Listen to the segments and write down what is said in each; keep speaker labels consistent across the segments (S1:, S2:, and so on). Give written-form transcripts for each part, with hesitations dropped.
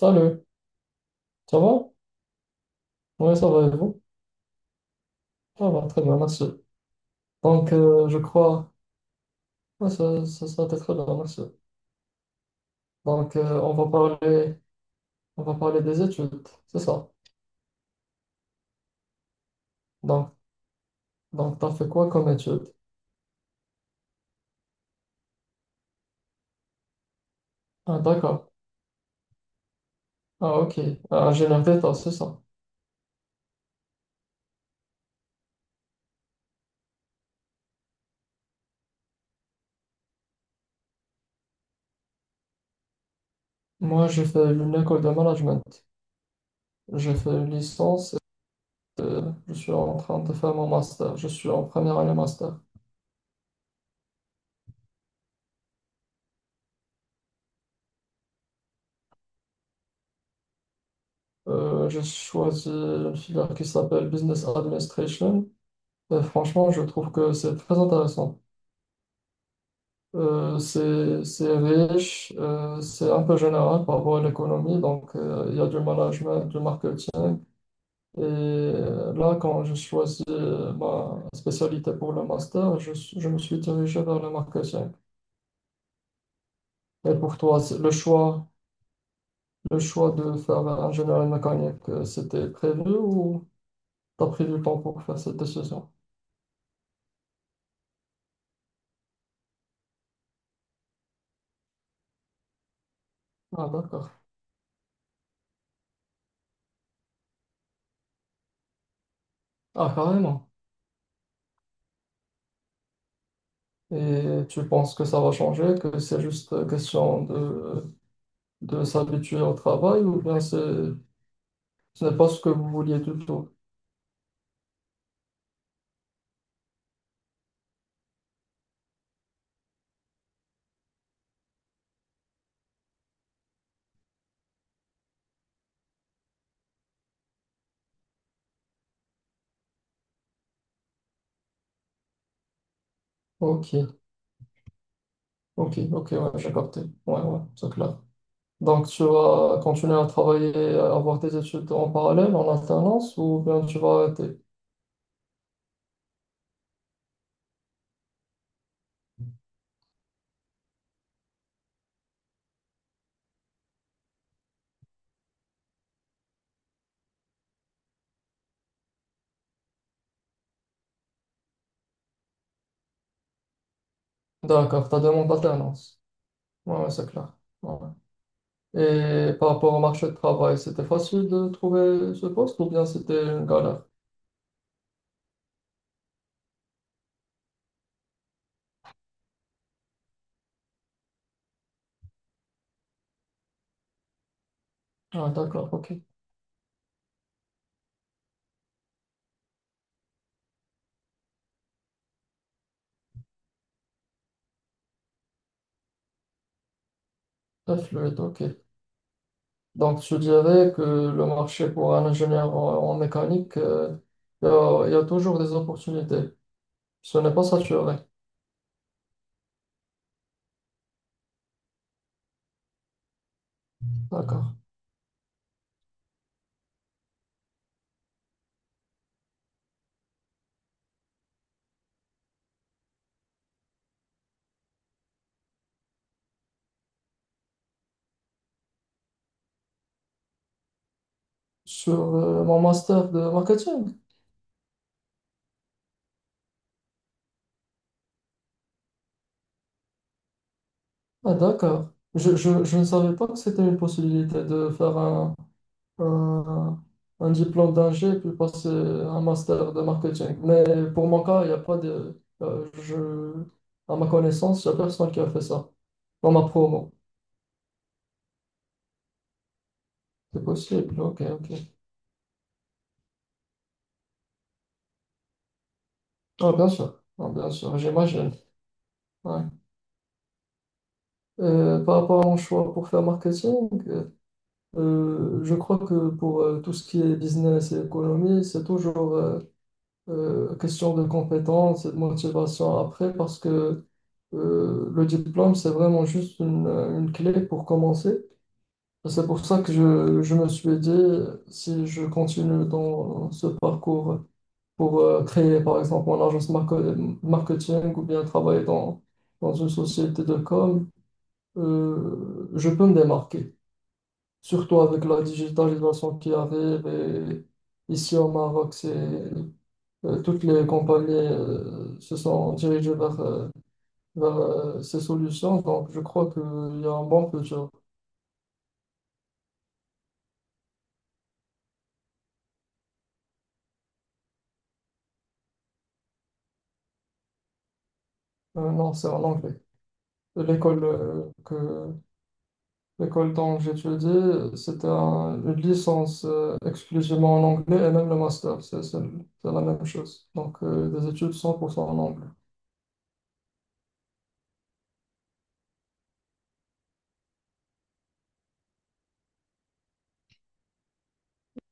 S1: Salut, ça va? Oui, ça va et vous? Ça va, très bien, merci. Donc, je crois, ouais, ça a été très bien, merci. Donc, parler, on va parler des études, c'est ça. Donc, donc t'as fait quoi comme études? Ah, d'accord. Ah, ok. Ah, ingénieur d'état, c'est ça. Moi, j'ai fait une école de management. J'ai fait une licence et je suis en train de faire mon master. Je suis en première année master. J'ai choisi une filière qui s'appelle Business Administration. Franchement, je trouve que c'est très intéressant. C'est riche, c'est un peu général par rapport à l'économie, donc il y a du management, du marketing. Et là, quand j'ai choisi ma spécialité pour le master, je me suis dirigé vers le marketing. Et pour toi, le choix de faire ingénierie mécanique, c'était prévu ou t'as pris du temps pour faire cette décision? Ah, d'accord. Ah, carrément. Et tu penses que ça va changer, que c'est juste question de s'habituer au travail ou bien c'est, ce n'est pas ce que vous vouliez du tout? Ok, ok, ok, ouais, j'ai capté. Ouais, ouais, c'est clair. Donc tu vas continuer à travailler, à avoir tes études en parallèle, en alternance, ou bien tu vas arrêter? D'accord, ta demande d'alternance. Ouais, ouais, c'est clair. Ouais. Ouais. Et par rapport au marché de travail, c'était facile de trouver ce poste ou bien c'était une galère? Ah, d'accord, ok. Très fluide, ok. Donc, je dirais que le marché pour un ingénieur en mécanique, il y a toujours des opportunités. Ce n'est pas saturé. D'accord. Sur mon master de marketing? Ah, d'accord. Je ne savais pas que c'était une possibilité de faire un, un diplôme d'ingé puis passer un master de marketing. Mais pour mon cas, il n'y a pas de je, à ma connaissance, il n'y a personne qui a fait ça dans ma promo. C'est possible, ok, ok. Ah, bien sûr, ah, bien sûr, j'imagine. Ouais. Par rapport à mon choix pour faire marketing, je crois que pour tout ce qui est business et économie, c'est toujours question de compétence et de motivation après parce que le diplôme, c'est vraiment juste une clé pour commencer. C'est pour ça que je me suis dit, si je continue dans ce parcours pour créer, par exemple, marketing ou bien travailler dans une société de com, je peux me démarquer. Surtout avec la digitalisation qui arrive. Et ici au Maroc, c'est, toutes les compagnies se sont dirigées vers ces solutions. Donc, je crois qu'il y a un bon futur. Non, c'est en anglais. L'école euh, que, L'école dont j'étudie, c'était une licence exclusivement en anglais et même le master, c'est la même chose. Donc, des études 100% en anglais.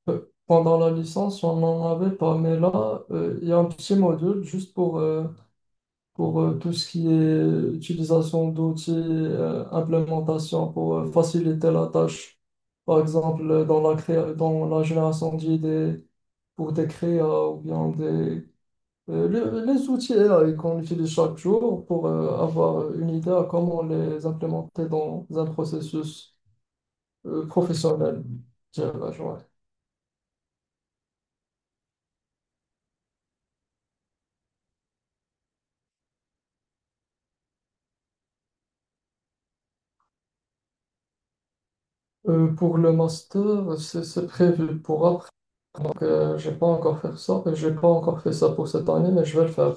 S1: Euh, pendant la licence, on n'en avait pas, mais là, il y a un petit module juste pour tout ce qui est utilisation d'outils, implémentation pour faciliter la tâche. Par exemple, dans la génération d'idées pour des créas ou bien des euh, les outils AI qu'on utilise chaque jour pour avoir une idée à comment les implémenter dans un processus professionnel, dirais-je, ouais. Pour le master, c'est prévu pour après. Donc, j'ai pas encore fait ça. J'ai pas encore fait ça pour cette année, mais je vais le faire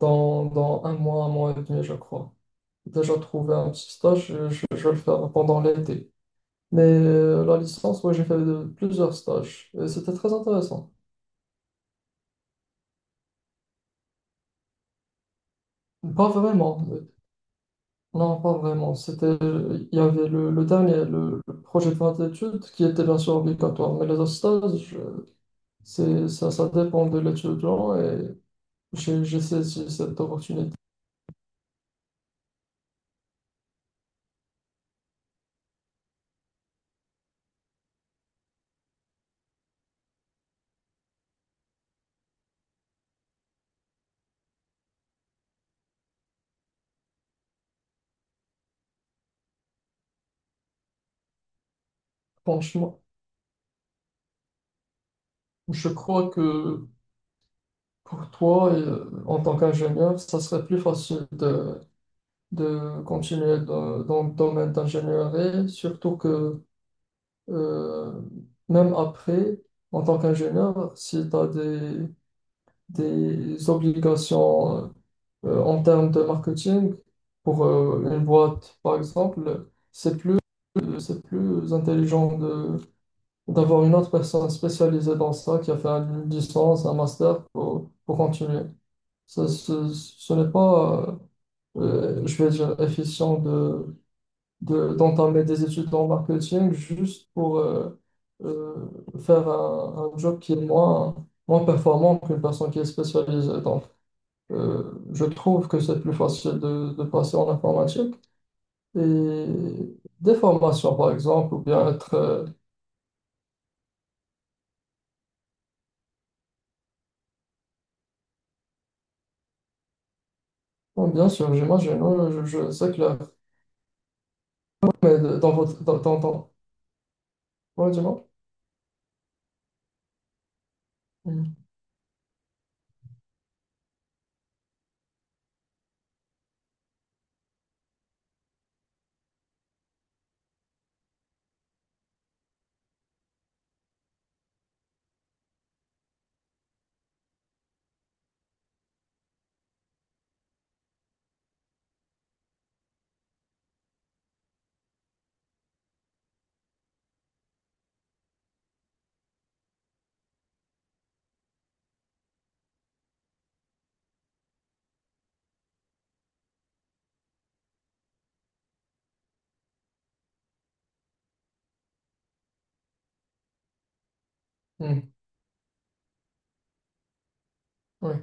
S1: dans un mois et demi, je crois. J'ai déjà trouvé un petit stage, je vais le faire pendant l'été. Mais la licence, ouais, j'ai fait plusieurs stages. Et c'était très intéressant. Pas vraiment. Non, pas vraiment. C'était, il y avait le dernier, le projet de fin d'études, qui était bien sûr obligatoire. Mais les autres stages, c'est, ça dépend de l'étudiant et j'ai saisi cette opportunité. Franchement, je crois que pour toi, en tant qu'ingénieur, ça serait plus facile de continuer dans le domaine d'ingénierie, surtout que euh, même après, en tant qu'ingénieur, si tu as des obligations en termes de marketing pour une boîte, par exemple, c'est plus intelligent de, d'avoir une autre personne spécialisée dans ça qui a fait une licence, un master pour continuer. Ça, ce n'est pas, je vais dire, efficient de d'entamer des études en marketing juste pour euh, faire un job qui est moins performant qu'une personne qui est spécialisée. Donc, je trouve que c'est plus facile de passer en informatique. Et des formations, par exemple, ou bien être bon, bien sûr, j'imagine, oui, c'est clair. Mais dans votre ouais, dis-moi. Mm. Mm. Oui,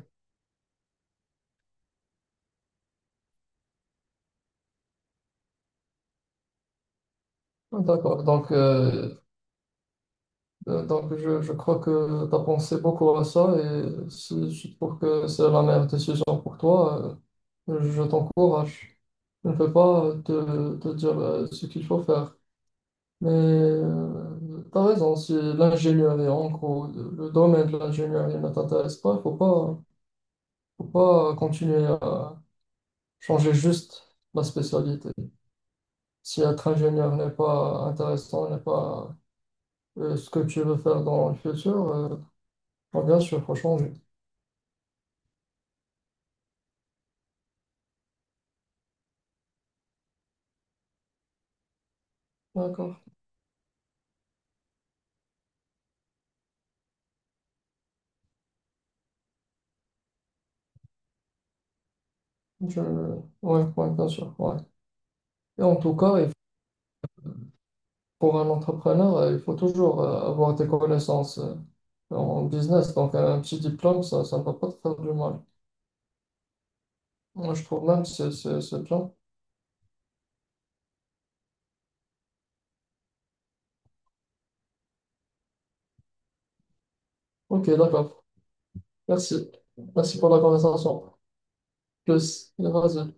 S1: d'accord. Donc, euh, donc, je crois que tu as pensé beaucoup à ça et si je trouve que c'est la meilleure décision pour toi, je t'encourage. Je ne peux pas te dire ce qu'il faut faire. Mais tu as raison, si l'ingénierie, en gros, le domaine de l'ingénierie ne t'intéresse pas, il faut pas continuer à changer juste la spécialité. Si être ingénieur n'est pas intéressant, n'est pas ce que tu veux faire dans le futur, bon, bien sûr, il faut changer. D'accord. Je Ouais, ouais, bien sûr. Ouais. Et en tout cas, il pour un entrepreneur, il faut toujours avoir des connaissances en business. Donc, un petit diplôme, ça ne va pas te faire du mal. Moi, je trouve même que c'est bien. Ok, d'accord. Merci. Merci pour la conversation. Plus. Vas-y.